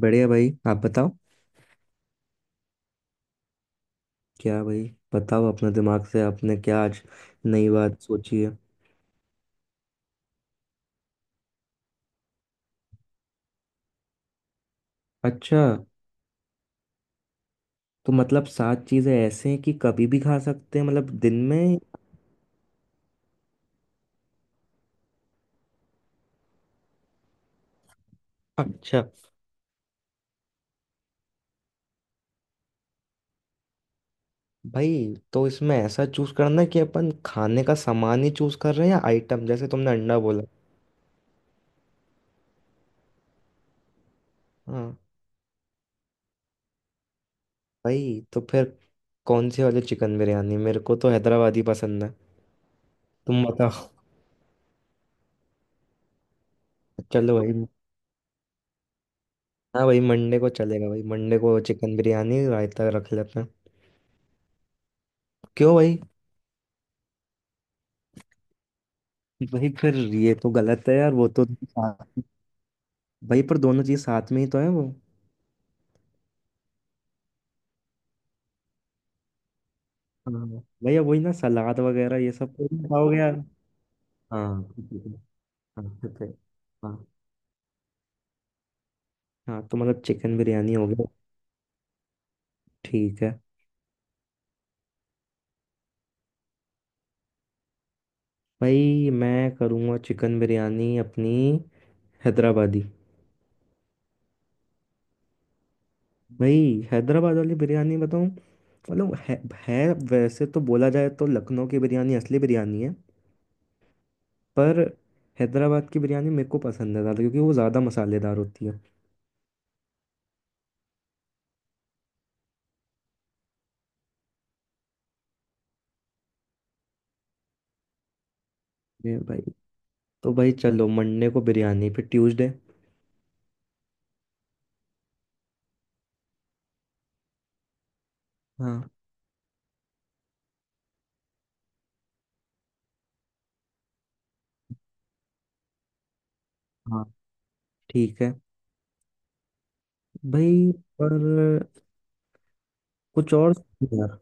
बढ़िया भाई। आप बताओ। क्या भाई? बताओ, अपने दिमाग से आपने क्या आज नई बात सोची है? अच्छा। तो मतलब सात चीजें ऐसे हैं कि कभी भी खा सकते हैं, मतलब दिन में? अच्छा। भाई तो इसमें ऐसा चूज करना है कि अपन खाने का सामान ही चूज कर रहे हैं या आइटम, जैसे तुमने अंडा बोला? हाँ। भाई तो फिर कौन सी वाली चिकन बिरयानी? मेरे को तो हैदराबादी पसंद है। तुम बताओ। चलो भाई। हाँ भाई, मंडे को चलेगा। भाई मंडे को चिकन बिरयानी, रायता रख लेते हैं। क्यों भाई? भाई फिर ये तो गलत है यार, वो तो साथ। भाई पर दोनों चीज साथ में ही तो है वो। हाँ। भैया वही ना, सलाद वगैरह ये सब तो नहीं खाओगे यार? हाँ ठीक है, ठीक है। हाँ ठीक है। हाँ। हाँ तो मतलब चिकन बिरयानी हो गया। ठीक है। भाई मैं करूँगा चिकन बिरयानी अपनी हैदराबादी। भाई हैदराबाद वाली बिरयानी बताऊँ? मतलब है, वैसे तो बोला जाए तो लखनऊ की बिरयानी असली बिरयानी है। पर हैदराबाद की बिरयानी मेरे को पसंद है ज़्यादा, क्योंकि वो ज़्यादा मसालेदार होती है। ये भाई। तो भाई चलो, मंडे को बिरयानी। फिर ट्यूसडे? हाँ। हाँ ठीक है। भाई पर कुछ और? यार।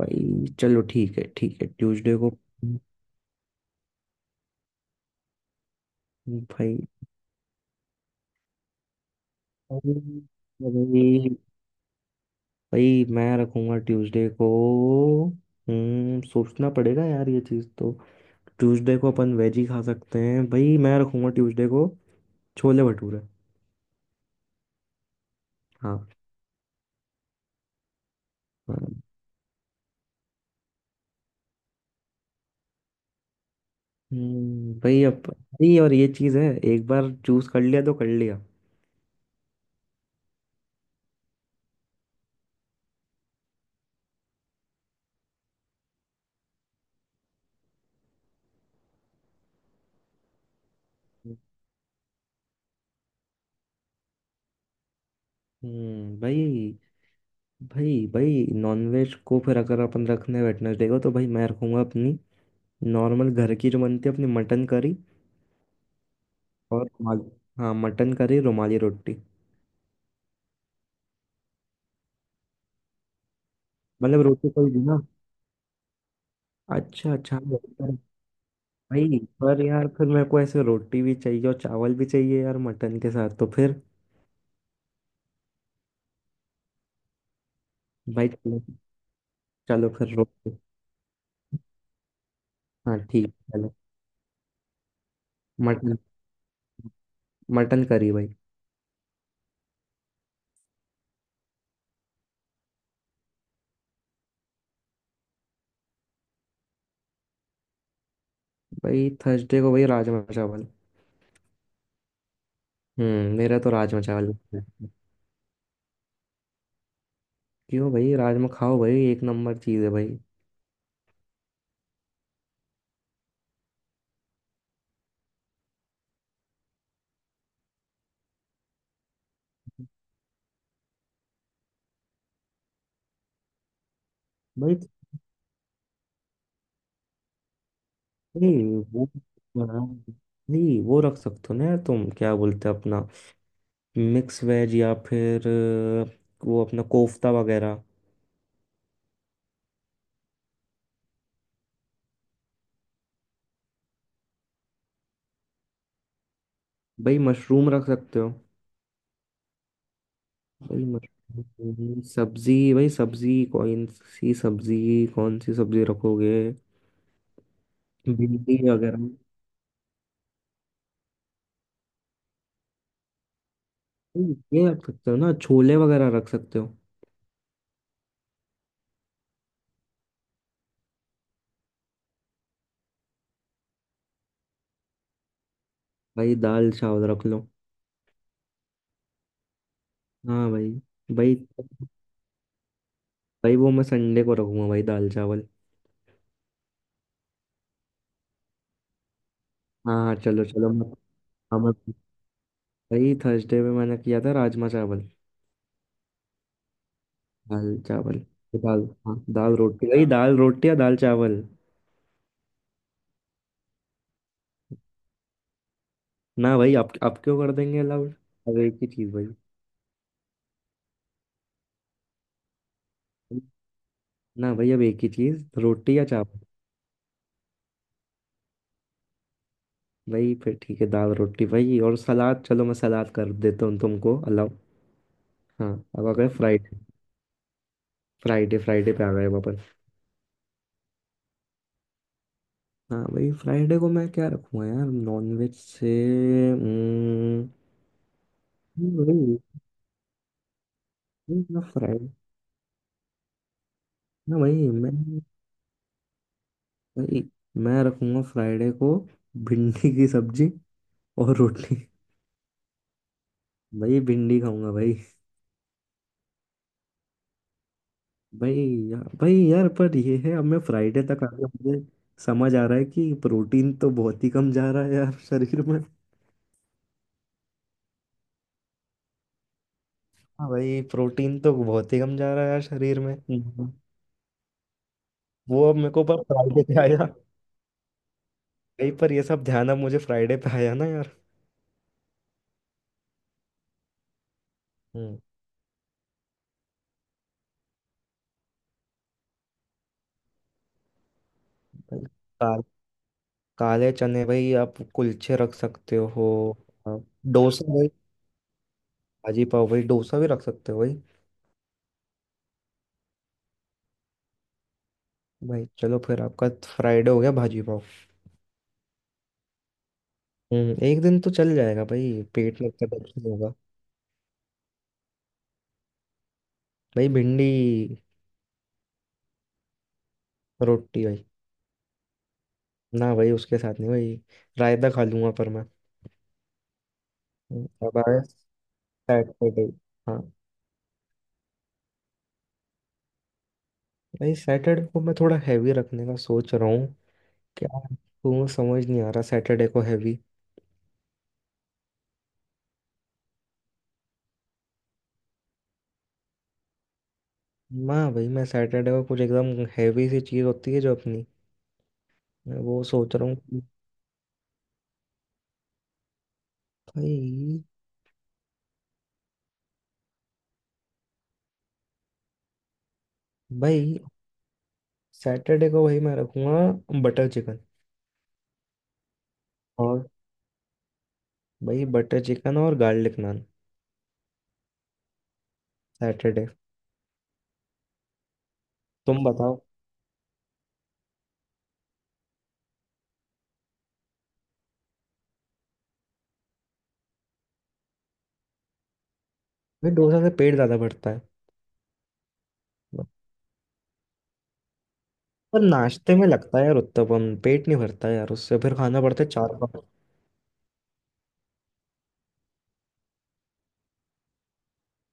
भाई चलो ठीक है, ठीक है ट्यूसडे को। भाई भाई भाई मैं रखूंगा ट्यूसडे को। सोचना पड़ेगा यार ये चीज़ तो। ट्यूसडे को अपन वेज ही खा सकते हैं। भाई मैं रखूंगा ट्यूसडे को। छोले भटूरे। हाँ। हाँ। भाई अब भाई और ये चीज़ है। एक बार चूज कर लिया तो कर लिया। भाई। भाई भाई नॉनवेज को फिर अगर अपन रखने वेटनेसडे को, तो भाई मैं रखूंगा अपनी नॉर्मल घर की जो बनती है अपनी मटन करी और रुमाली। हाँ मटन करी रुमाली रोटी। मतलब रोटी कोई भी ना? अच्छा अच्छा, हाँ। पर। भाई पर यार, फिर मेरे को ऐसे रोटी भी चाहिए और चावल भी चाहिए यार मटन के साथ, तो फिर। भाई चलो। चलो फिर रोटी। हाँ ठीक है, चलो। मटन। मटन करी भाई। भाई थर्सडे को भाई, राजमा चावल। मेरा तो राजमा चावल है। क्यों भाई? राजमा खाओ भाई, एक नंबर चीज है भाई। भाई भाई वो। नहीं, वो रख सकते हो ना यार? तुम क्या बोलते हो अपना मिक्स वेज, या फिर वो अपना कोफ्ता वगैरह। भाई मशरूम रख सकते हो? भाई मशरूम सब्जी। भाई सब्जी कौन सी सब्जी रखोगे? भिंडी वगैरह। भाई, ये रख सकते हो ना? छोले वगैरह रख सकते हो। भाई दाल चावल रख लो। हाँ भाई। भाई। भाई वो मैं संडे को रखूंगा भाई, दाल चावल। हाँ हाँ, चलो चलो मैं। हम। भाई थर्सडे में मैंने किया था राजमा चावल। दाल चावल। तो दाल, हाँ दाल रोटी भाई, दाल रोटी या दाल चावल? ना भाई, आप क्यों कर देंगे अलाउड? अब एक ही चीज़ भाई। ना भाई, अब एक ही चीज़, रोटी या चावल। भाई फिर ठीक है दाल रोटी भाई, और सलाद, चलो मैं सलाद कर देता हूँ तुमको अलाउ। हाँ। अब आ गए फ्राइडे। फ्राइडे पे आ गए वापस। हाँ भाई, फ्राइडे को मैं क्या रखूँगा यार नॉनवेज से? नहीं वही। वही ना फ्राइडे। ना वही मैं। वही मैं रखूंगा फ्राइडे को भिंडी की सब्जी और रोटी। भाई भिंडी खाऊंगा भाई। भाई। या, भाई यार पर ये है, अब मैं फ्राइडे तक आ गया, मुझे समझ आ रहा है कि प्रोटीन तो बहुत ही कम जा रहा है यार शरीर में। हाँ भाई प्रोटीन तो बहुत ही कम जा रहा है यार शरीर में। हम्म। वो अब मेरे को पर फ्राइडे पे आया। भाई पर ये सब ध्यान अब मुझे फ्राइडे पे आया ना यार। हम्म भाई, काले चने भाई, आप कुलचे रख सकते हो? आप। डोसा भाई। भाजी पाव भाई, डोसा भी रख सकते हो भाई। भाई चलो, फिर आपका फ्राइडे हो गया भाजी पाव। एक दिन तो चल जाएगा भाई, पेट लगता है कुछ नहीं होगा। भाई भिंडी। रोटी भाई। ना भाई, उसके साथ नहीं भाई। रायता खा लूंगा पर मैं। अब आया सैटरडे। हाँ। भाई सैटरडे को मैं थोड़ा हैवी रखने का सोच रहा हूँ। क्या? तू समझ नहीं आ रहा, सैटरडे को हैवी। माँ भाई मैं सैटरडे को कुछ एकदम हैवी सी चीज़ होती है जो अपनी, मैं वो सोच रहा हूँ कि। भाई। भाई सैटरडे को भाई मैं रखूंगा बटर चिकन। और भाई, बटर चिकन और गार्लिक नान। सैटरडे। तुम बताओ। भाई डोसा से पेट ज्यादा भरता है। पर नाश्ते में लगता है यार उत्तपम पेट नहीं भरता यार, उससे फिर खाना पड़ता है चार बार।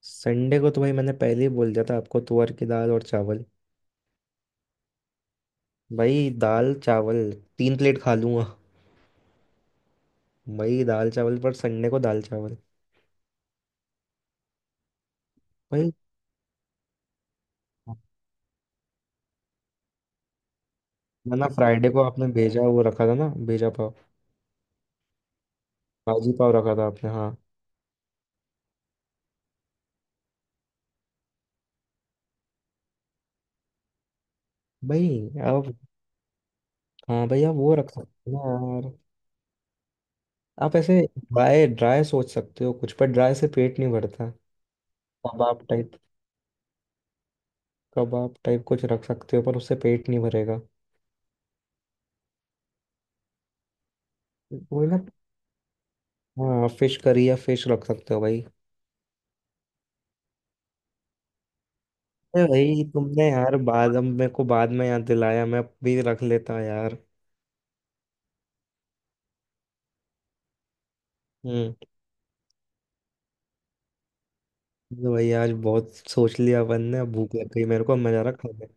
संडे को तो भाई मैंने पहले ही बोल दिया था आपको, तुअर की दाल और चावल। भाई दाल चावल तीन प्लेट खा लूंगा। भाई दाल चावल, पर संडे को दाल चावल। भाई। ना, फ्राइडे को आपने भेजा वो रखा था ना, भेजा पाव। भाजी पाव रखा था आपने, हाँ। भाई आप। हाँ भाई, आप वो रख सकते हो ना यार। आप ऐसे ड्राई ड्राई सोच सकते हो कुछ, पर ड्राई से पेट नहीं भरता। कबाब टाइप। कबाब टाइप कुछ रख सकते हो, पर उससे पेट नहीं भरेगा। वही ना। हाँ, फिश करी या फिश रख सकते हो भाई। अरे भाई, तुमने यार बाद में मेरे को बाद में याद दिलाया, मैं भी रख लेता यार। हम्म। तो भाई आज बहुत सोच लिया अपन ने, भूख लग गई मेरे को, अब मैं जा रहा खाने।